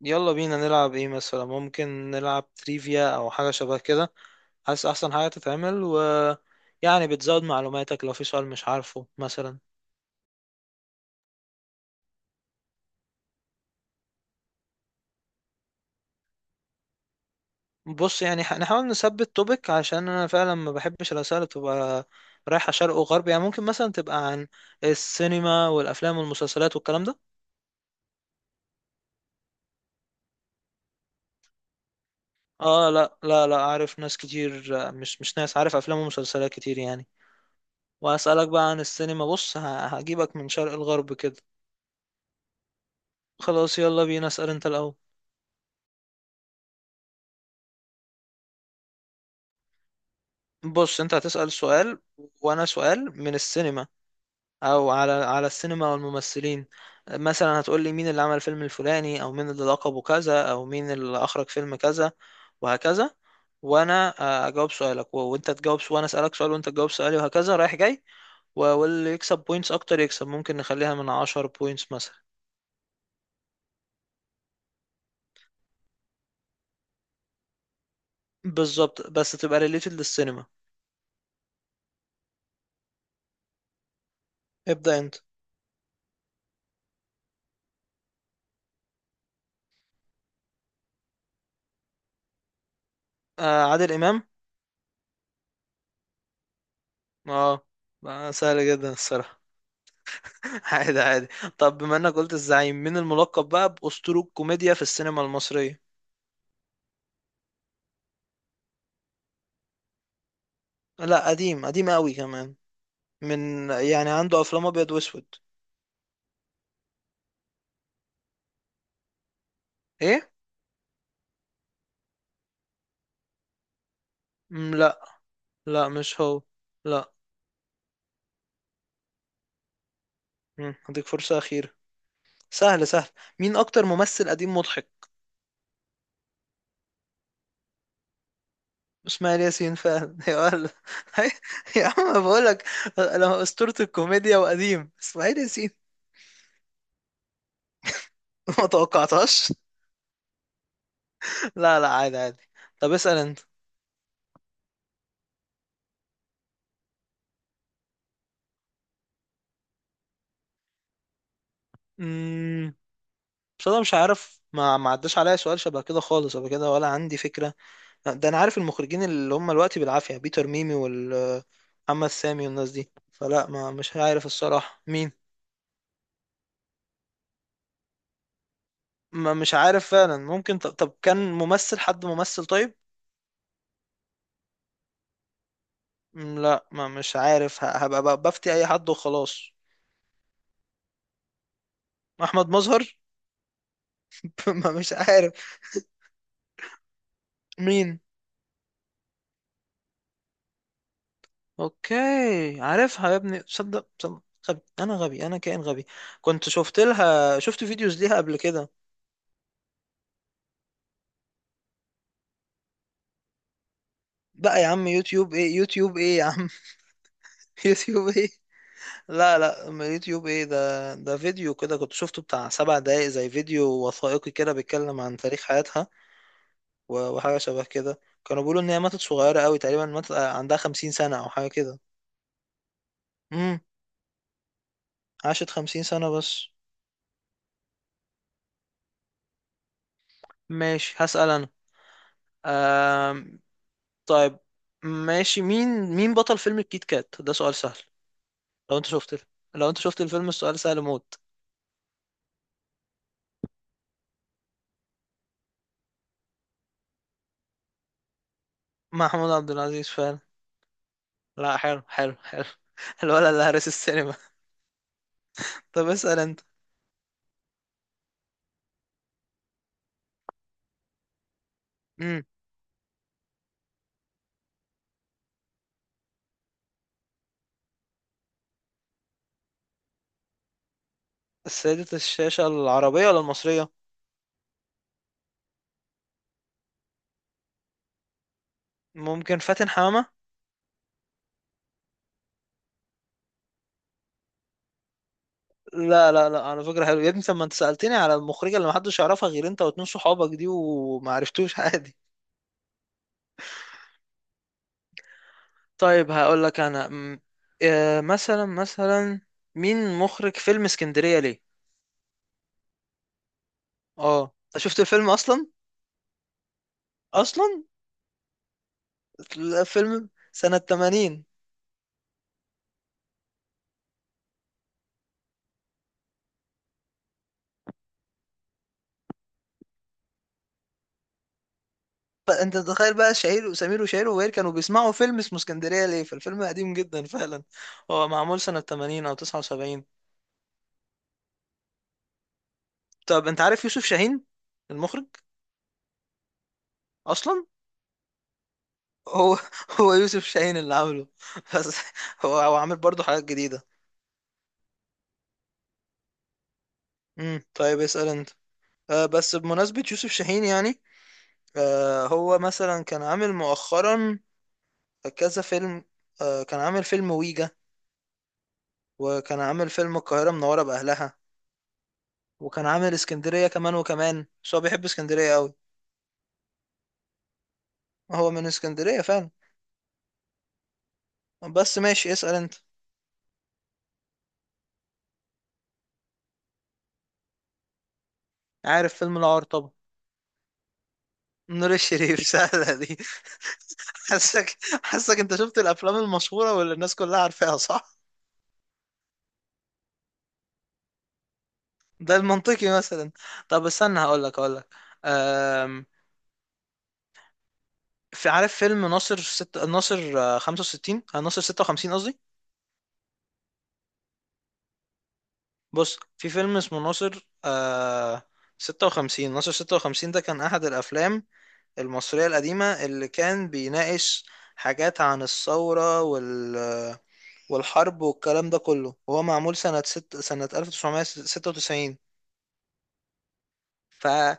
يلا بينا نلعب ايه مثلا؟ ممكن نلعب تريفيا او حاجة شبه كده. حاسس احسن حاجة تتعمل و يعني بتزود معلوماتك لو في سؤال مش عارفه مثلا. بص يعني نحاول نثبت توبيك، عشان انا فعلا ما بحبش الاسئله اللي تبقى رايحه شرق وغرب. يعني ممكن مثلا تبقى عن السينما والافلام والمسلسلات والكلام ده. اه لا لا لا، عارف ناس كتير، مش ناس، عارف افلام ومسلسلات كتير يعني. واسالك بقى عن السينما. بص هجيبك من شرق الغرب كده. خلاص يلا بينا، اسال انت الاول. بص انت هتسأل سؤال وانا سؤال من السينما، او على السينما والممثلين. مثلا هتقول لي مين اللي عمل فيلم الفلاني، او مين اللي لقبه كذا، او مين اللي اخرج فيلم كذا، وهكذا. وانا اجاوب سؤالك، وانت تجاوب، وانا اسألك سؤال وانت تجاوب سؤالي، وهكذا رايح جاي. واللي يكسب بوينتس اكتر يكسب. ممكن نخليها من 10 بوينتس مثلا. بالظبط، بس تبقى ريليتد للسينما. ابدأ انت. آه، عادل امام. اه. سهل جدا الصراحة. عادي عادي. طب بما انك قلت الزعيم، مين الملقب بقى بأسطورة الكوميديا في السينما المصرية؟ لا، قديم قديم قوي كمان. من يعني عنده افلام ابيض واسود. ايه. مم، لا. لا مش هو. لا. هديك فرصة أخيرة. سهل سهل. مين أكتر ممثل قديم مضحك؟ إسماعيل ياسين فعلا. يا ولد. يا عم بقول لك، أنا أسطورة الكوميديا وقديم إسماعيل ياسين. ما توقعتهاش. لا لا، عادي عادي. طب اسأل. أنت، بس انا مش عارف، ما عداش عليا سؤال شبه كده خالص قبل كده، ولا عندي فكره. ده انا عارف المخرجين اللي هم دلوقتي بالعافيه، بيتر ميمي والمحمد سامي والناس دي، فلا ما مش عارف الصراحه مين. ما مش عارف فعلا. ممكن طب كان ممثل، حد ممثل طيب. لا، ما مش عارف، هبقى بفتي اي حد وخلاص. احمد مظهر. ما مش عارف. مين؟ اوكي. عارفها يا ابني، صدق صدق. غبي انا، غبي انا كائن غبي. كنت شفت فيديوز ليها قبل كده. بقى يا عم، يوتيوب ايه، يوتيوب ايه يا عم. يوتيوب ايه. لا لا، ما يوتيوب ايه! ده فيديو كده، كنت شفته بتاع 7 دقايق، زي فيديو وثائقي كده بيتكلم عن تاريخ حياتها. وحاجة شبه كده. كانوا بيقولوا ان هي ماتت صغيرة قوي، تقريبا ماتت عندها 50 سنة او حاجة كده. امم. عاشت 50 سنة بس. ماشي هسأل انا. آم... طيب ماشي. مين بطل فيلم الكيت كات؟ ده سؤال سهل. لو انت شفت لو انت شفت الفيلم، السؤال سهل موت. محمود عبد العزيز. لا، حلو حلو حلو. الولد اللي هرس السينما. طب اسأل انت. امم. السيدة الشاشة العربية ولا المصرية؟ ممكن فاتن حمامة. لا لا لا، على فكرة حلو يا ابني. طب ما انت سألتني على المخرجة اللي محدش يعرفها غير انت واتنين صحابك دي، وما عرفتوش. عادي. طيب هقول لك انا مثلا، مين مخرج فيلم اسكندرية ليه؟ اه، انت شفت الفيلم اصلا؟ لا، فيلم سنة 80. انت تتخيل بقى، شهير وسمير وشهير وبهير كانوا بيسمعوا فيلم اسمه اسكندريه ليه؟ فالفيلم قديم جدا فعلا. هو معمول سنه 80 او 79. طب انت عارف يوسف شاهين المخرج اصلا؟ هو هو يوسف شاهين اللي عامله. بس هو عامل برضه حاجات جديده. طيب اسال انت. بس بمناسبه يوسف شاهين يعني، هو مثلا كان عامل مؤخرا كذا فيلم. كان عامل فيلم ويجا، وكان عامل فيلم القاهره منوره باهلها، وكان عامل اسكندرية كمان وكمان. بس هو بيحب اسكندرية قوي. هو من اسكندرية فعلا. بس ماشي، اسأل انت. عارف فيلم العار طبعا. نور الشريف. سهلة دي. حاسك حاسك انت شفت الافلام المشهورة واللي الناس كلها عارفاها، صح؟ ده المنطقي مثلا. طب استنى، هقول لك. أم... في، عارف فيلم ناصر ناصر 65، ناصر 56 قصدي. بص في فيلم اسمه ناصر 56، ناصر 56 ده كان احد الافلام المصرية القديمة اللي كان بيناقش حاجات عن الثورة والحرب والكلام ده كله، وهو معمول سنة 1996. فتخيل،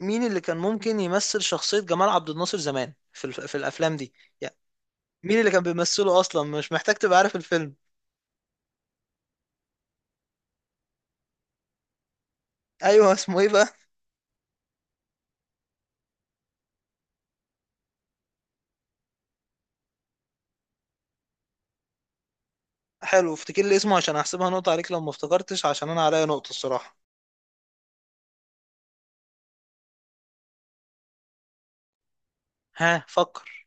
مين اللي كان ممكن يمثل شخصية جمال عبد الناصر زمان في الأفلام دي؟ يعني مين اللي كان بيمثله أصلا؟ مش محتاج تبقى عارف الفيلم. أيوه، اسمه إيه بقى؟ حلو، افتكر لي اسمه عشان أحسبها نقطة عليك لو ما افتكرتش، عشان أنا عليا نقطة الصراحة. ها، فكر.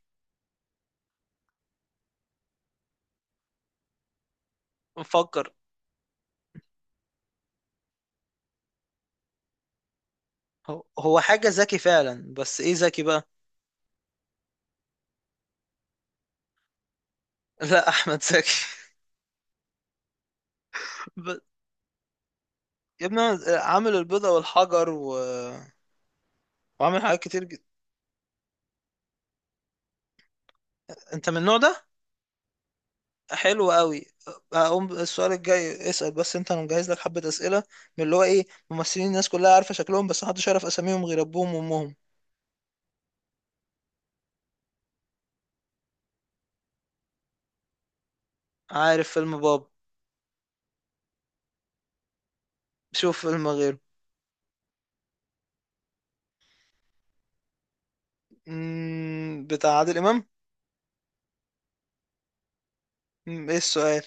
فكر. هو حاجة ذكي فعلا، بس إيه ذكي بقى؟ لا، احمد زكي. ب- يا ابني، عامل البيضة والحجر وعامل حاجات كتير جدا. انت من النوع ده. حلو قوي. هقوم السؤال الجاي اسأل، بس انت انا مجهز لك حبة اسئلة من اللي هو ايه، ممثلين الناس كلها عارفة شكلهم بس محدش يعرف اساميهم غير ابوهم وامهم. عارف فيلم باب. شوف فيلم غيره. بتاع عادل امام. ايه السؤال؟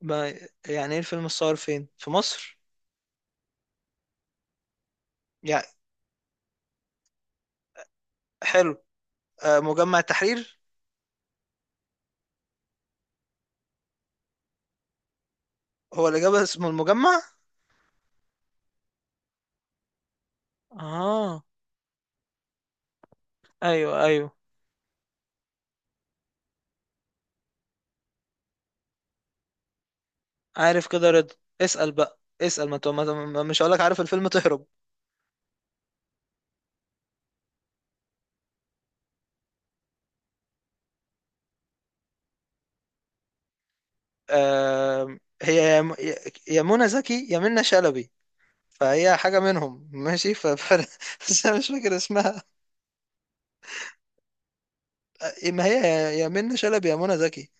ما يعني ايه الفيلم الصور فين في مصر؟ يعني. حلو. مجمع التحرير. هو الإجابة اسمه المجمع. اه، ايوه ايوه. عارف كده رضا. اسأل بقى اسأل، ما, تو- ما ما- مش هقولك عارف الفيلم تهرب. هي يا منى زكي يا منى شلبي، فهي حاجة منهم ماشي. بس أنا مش فاكر اسمها. ما هي يا منى شلبي يا منى زكي.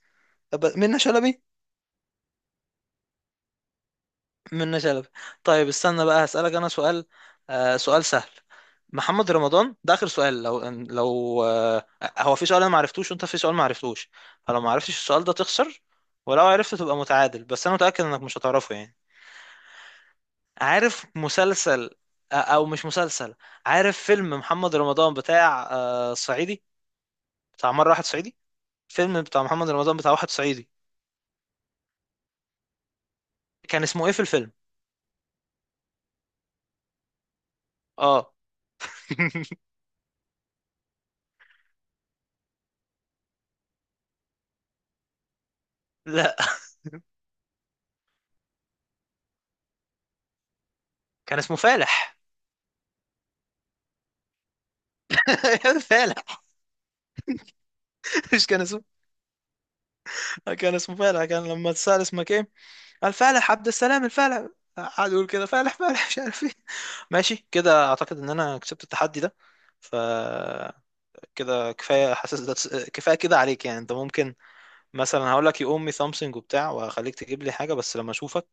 طب منى شلبي. منة شلبي. طيب استنى بقى، هسألك أنا سؤال. سؤال سهل. محمد رمضان ده آخر سؤال. لو لو آه هو في سؤال أنا معرفتوش وأنت في سؤال معرفتوش، فلو معرفتش السؤال ده تخسر، ولو عرفت تبقى متعادل. بس أنا متأكد إنك مش هتعرفه يعني. عارف مسلسل، أو مش مسلسل، عارف فيلم محمد رمضان بتاع صعيدي، بتاع مرة واحد صعيدي. فيلم بتاع محمد رمضان بتاع واحد صعيدي، كان اسمه إيه في الفيلم؟ آه. لا. كان اسمه فالح. فالح. مش كان اسمه، كان اسمه فالح. كان لما اتسأل اسمك ايه قال فالح عبد السلام الفالح. قعد يقول كده فالح فالح مش عارف ايه. ماشي كده، اعتقد ان انا كسبت التحدي ده. ف كده كفايه، حاسس ده كفايه كده عليك. يعني انت ممكن مثلا هقول لك يقوم مي سامسونج وبتاع، وهخليك تجيب لي حاجه بس لما اشوفك.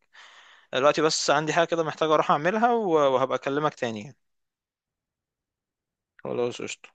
دلوقتي بس عندي حاجه كده محتاج اروح اعملها، وهبقى اكلمك تاني يعني. خلاص قشطة.